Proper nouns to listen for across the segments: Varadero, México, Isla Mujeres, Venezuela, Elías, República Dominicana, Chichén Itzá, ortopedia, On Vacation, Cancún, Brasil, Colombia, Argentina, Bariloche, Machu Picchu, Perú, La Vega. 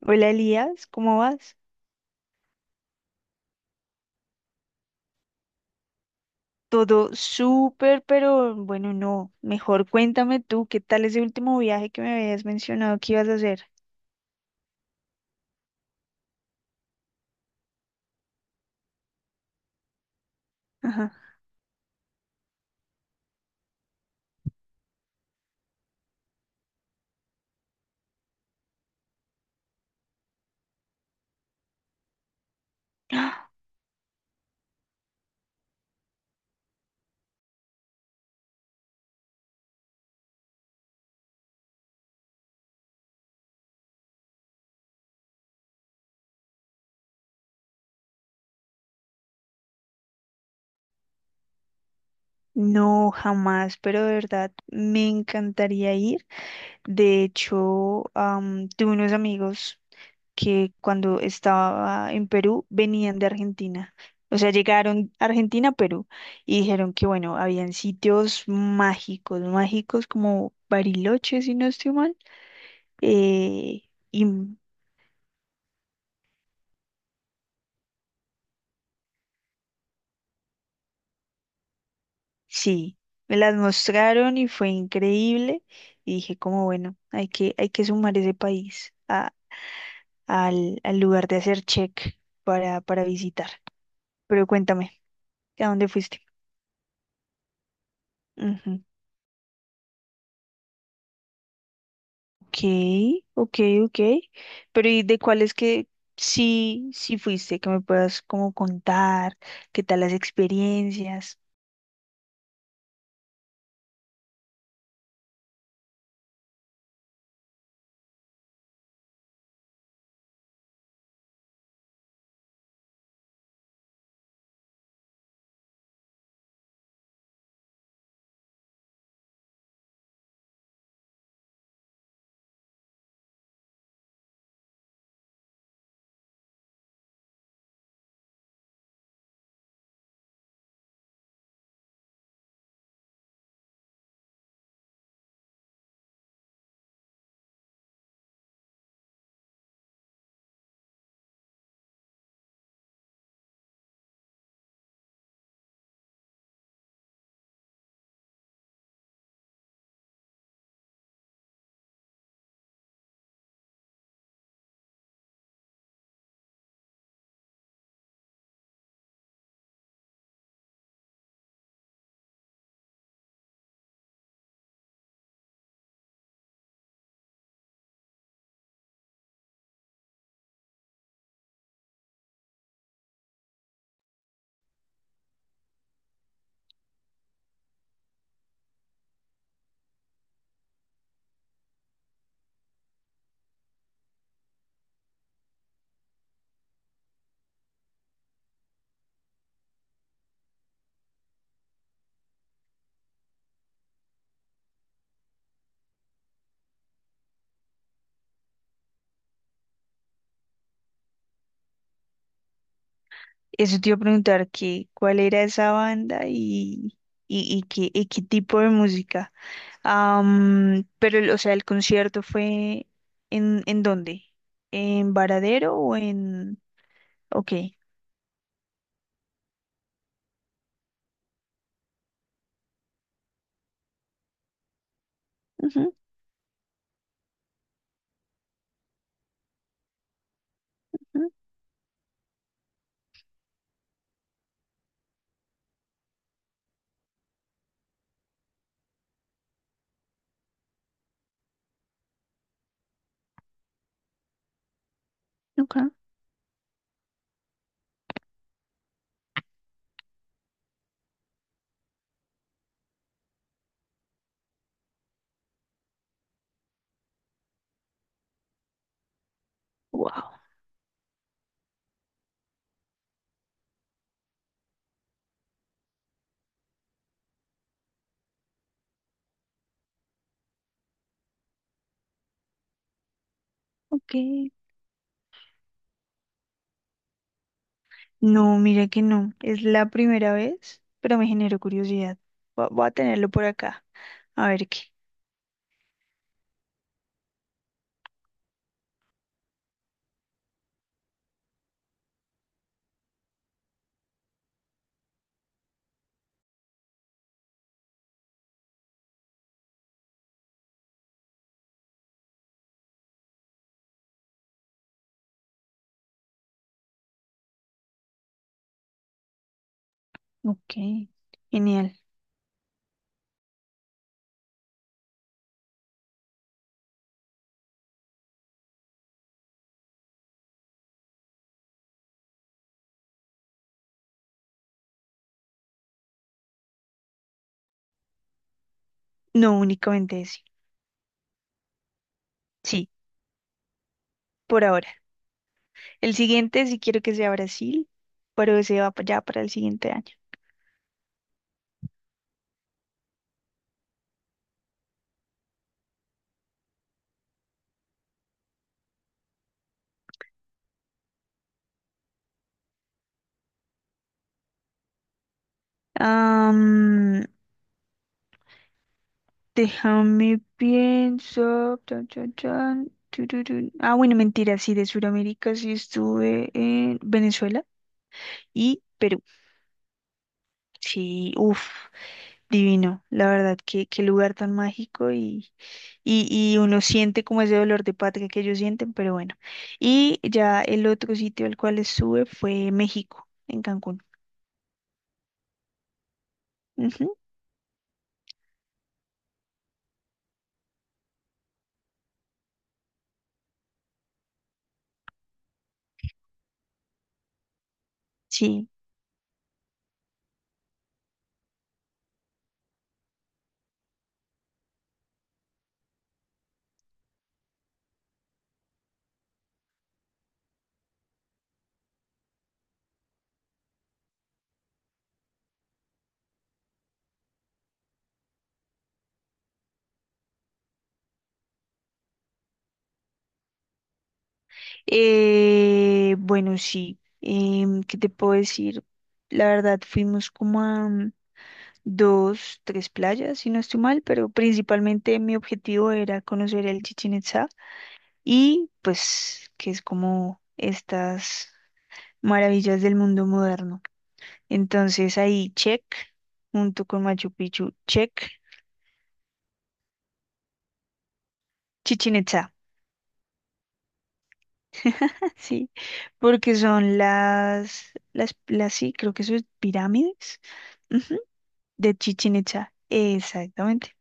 Hola Elías, ¿cómo vas? Todo súper, pero bueno, no. Mejor cuéntame tú, ¿qué tal ese último viaje que me habías mencionado que ibas a hacer? Ajá. ¡Ah! No, jamás, pero de verdad me encantaría ir. De hecho, tuve unos amigos que cuando estaba en Perú venían de Argentina. O sea, llegaron a Argentina, a Perú, y dijeron que, bueno, habían sitios mágicos, mágicos como Bariloche, si no estoy mal. Eh, y m- sí, me las mostraron y fue increíble. Y dije, como bueno, hay que sumar ese país al lugar de hacer check para visitar. Pero cuéntame, ¿a dónde fuiste? Ujú. Ok, ok, ok. Pero ¿y de cuáles que sí, sí fuiste? Que me puedas como contar, qué tal las experiencias. Eso te iba a preguntar que cuál era esa banda y qué tipo de música. Pero, o sea, el concierto fue ¿en dónde? ¿En Varadero o en...? Ok. Ujú, ujú, ok. Wow. Ok. No, mira que no. Es la primera vez, pero me generó curiosidad. Voy a tenerlo por acá. A ver qué. Ok. Genial. No, únicamente ese. Sí, por ahora. El siguiente sí quiero que sea Brasil, pero ese va ya para el siguiente año. Déjame pienso. Chan, chan, chan, tururú. Ah, bueno, mentira, sí, de Sudamérica sí estuve en Venezuela y Perú. Sí, uff, divino. La verdad, qué lugar tan mágico y, y uno siente como ese dolor de patria que ellos sienten, pero bueno. Y ya el otro sitio al cual estuve fue México, en Cancún. Ujú, sí. Bueno, sí. ¿Qué te puedo decir? La verdad, fuimos como a dos, tres playas, si no estoy mal, pero principalmente mi objetivo era conocer el Chichén Itzá y pues que es como estas maravillas del mundo moderno. Entonces ahí check, junto con Machu Picchu, check. Chichén Itzá, sí, porque son las, sí, creo que eso es pirámides, ujú, de Chichén Itzá, exactamente.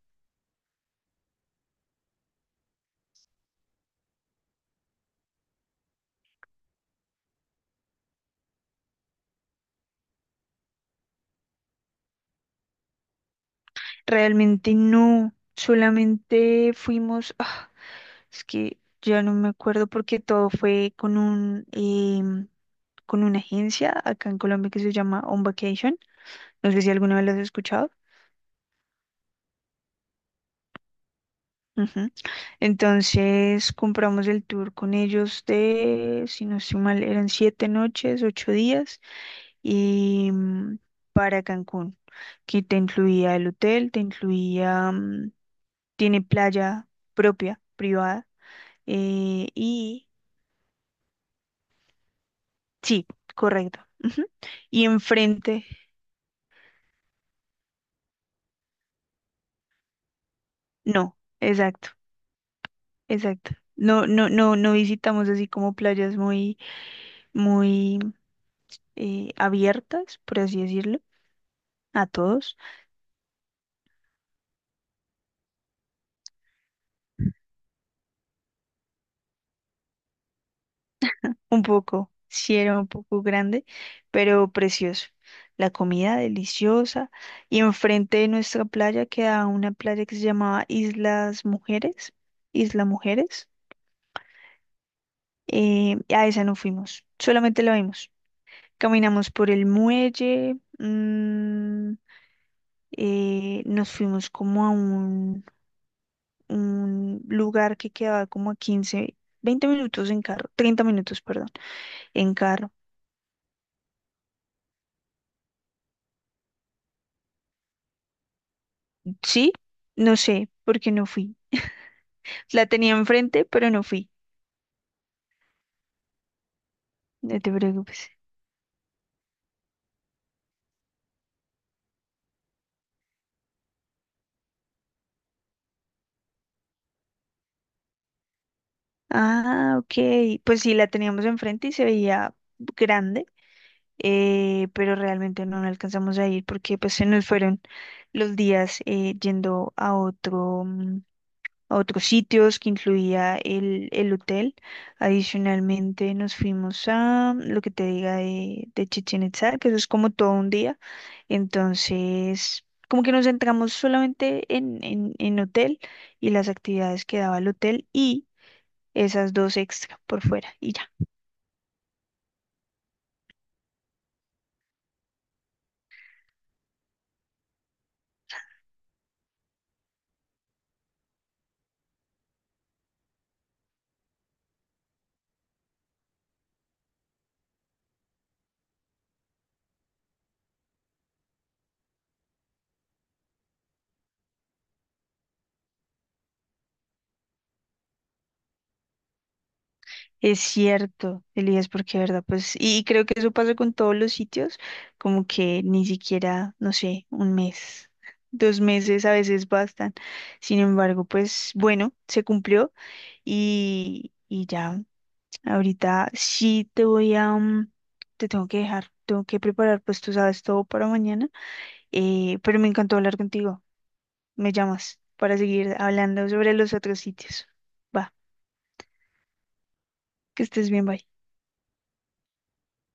Realmente no, solamente fuimos, ah. Es que ya no me acuerdo porque todo fue con con una agencia acá en Colombia que se llama On Vacation. No sé si alguna vez las has escuchado. Ujú. Entonces compramos el tour con ellos de, si no estoy mal, eran 7 noches, 8 días y para Cancún, que te incluía el hotel, te incluía, tiene playa propia, privada, y sí, correcto. Ujú. Y enfrente. No, exacto, exacto. No, no, no, no visitamos así como playas muy, muy abiertas, por así decirlo, a todos. Un poco, sí era un poco grande, pero precioso. La comida deliciosa. Y enfrente de nuestra playa queda una playa que se llamaba Islas Mujeres, Isla Mujeres. A esa no fuimos, solamente la vimos. Caminamos por el muelle. Nos fuimos como a un lugar que quedaba como a 15, 20 minutos en carro, 30 minutos, perdón, en carro. Sí, no sé por qué no fui. La tenía enfrente, pero no fui. No te preocupes. Ah, ok. Pues sí, la teníamos enfrente y se veía grande, pero realmente no alcanzamos a ir porque pues se nos fueron los días yendo a otro. A otros sitios que incluía el hotel. Adicionalmente nos fuimos a lo que te diga de Chichén Itzá, que eso es como todo un día. Entonces, como que nos centramos solamente en hotel y las actividades que daba el hotel y esas dos extra por fuera y ya. Es cierto, Elías, porque verdad, pues, y creo que eso pasa con todos los sitios, como que ni siquiera, no sé, un mes, 2 meses a veces bastan. Sin embargo, pues, bueno, se cumplió y ya, ahorita sí te voy a, mm, te tengo que dejar, tengo que preparar, pues tú sabes todo para mañana, pero me encantó hablar contigo. Me llamas para seguir hablando sobre los otros sitios. Va, que estés bien, bye.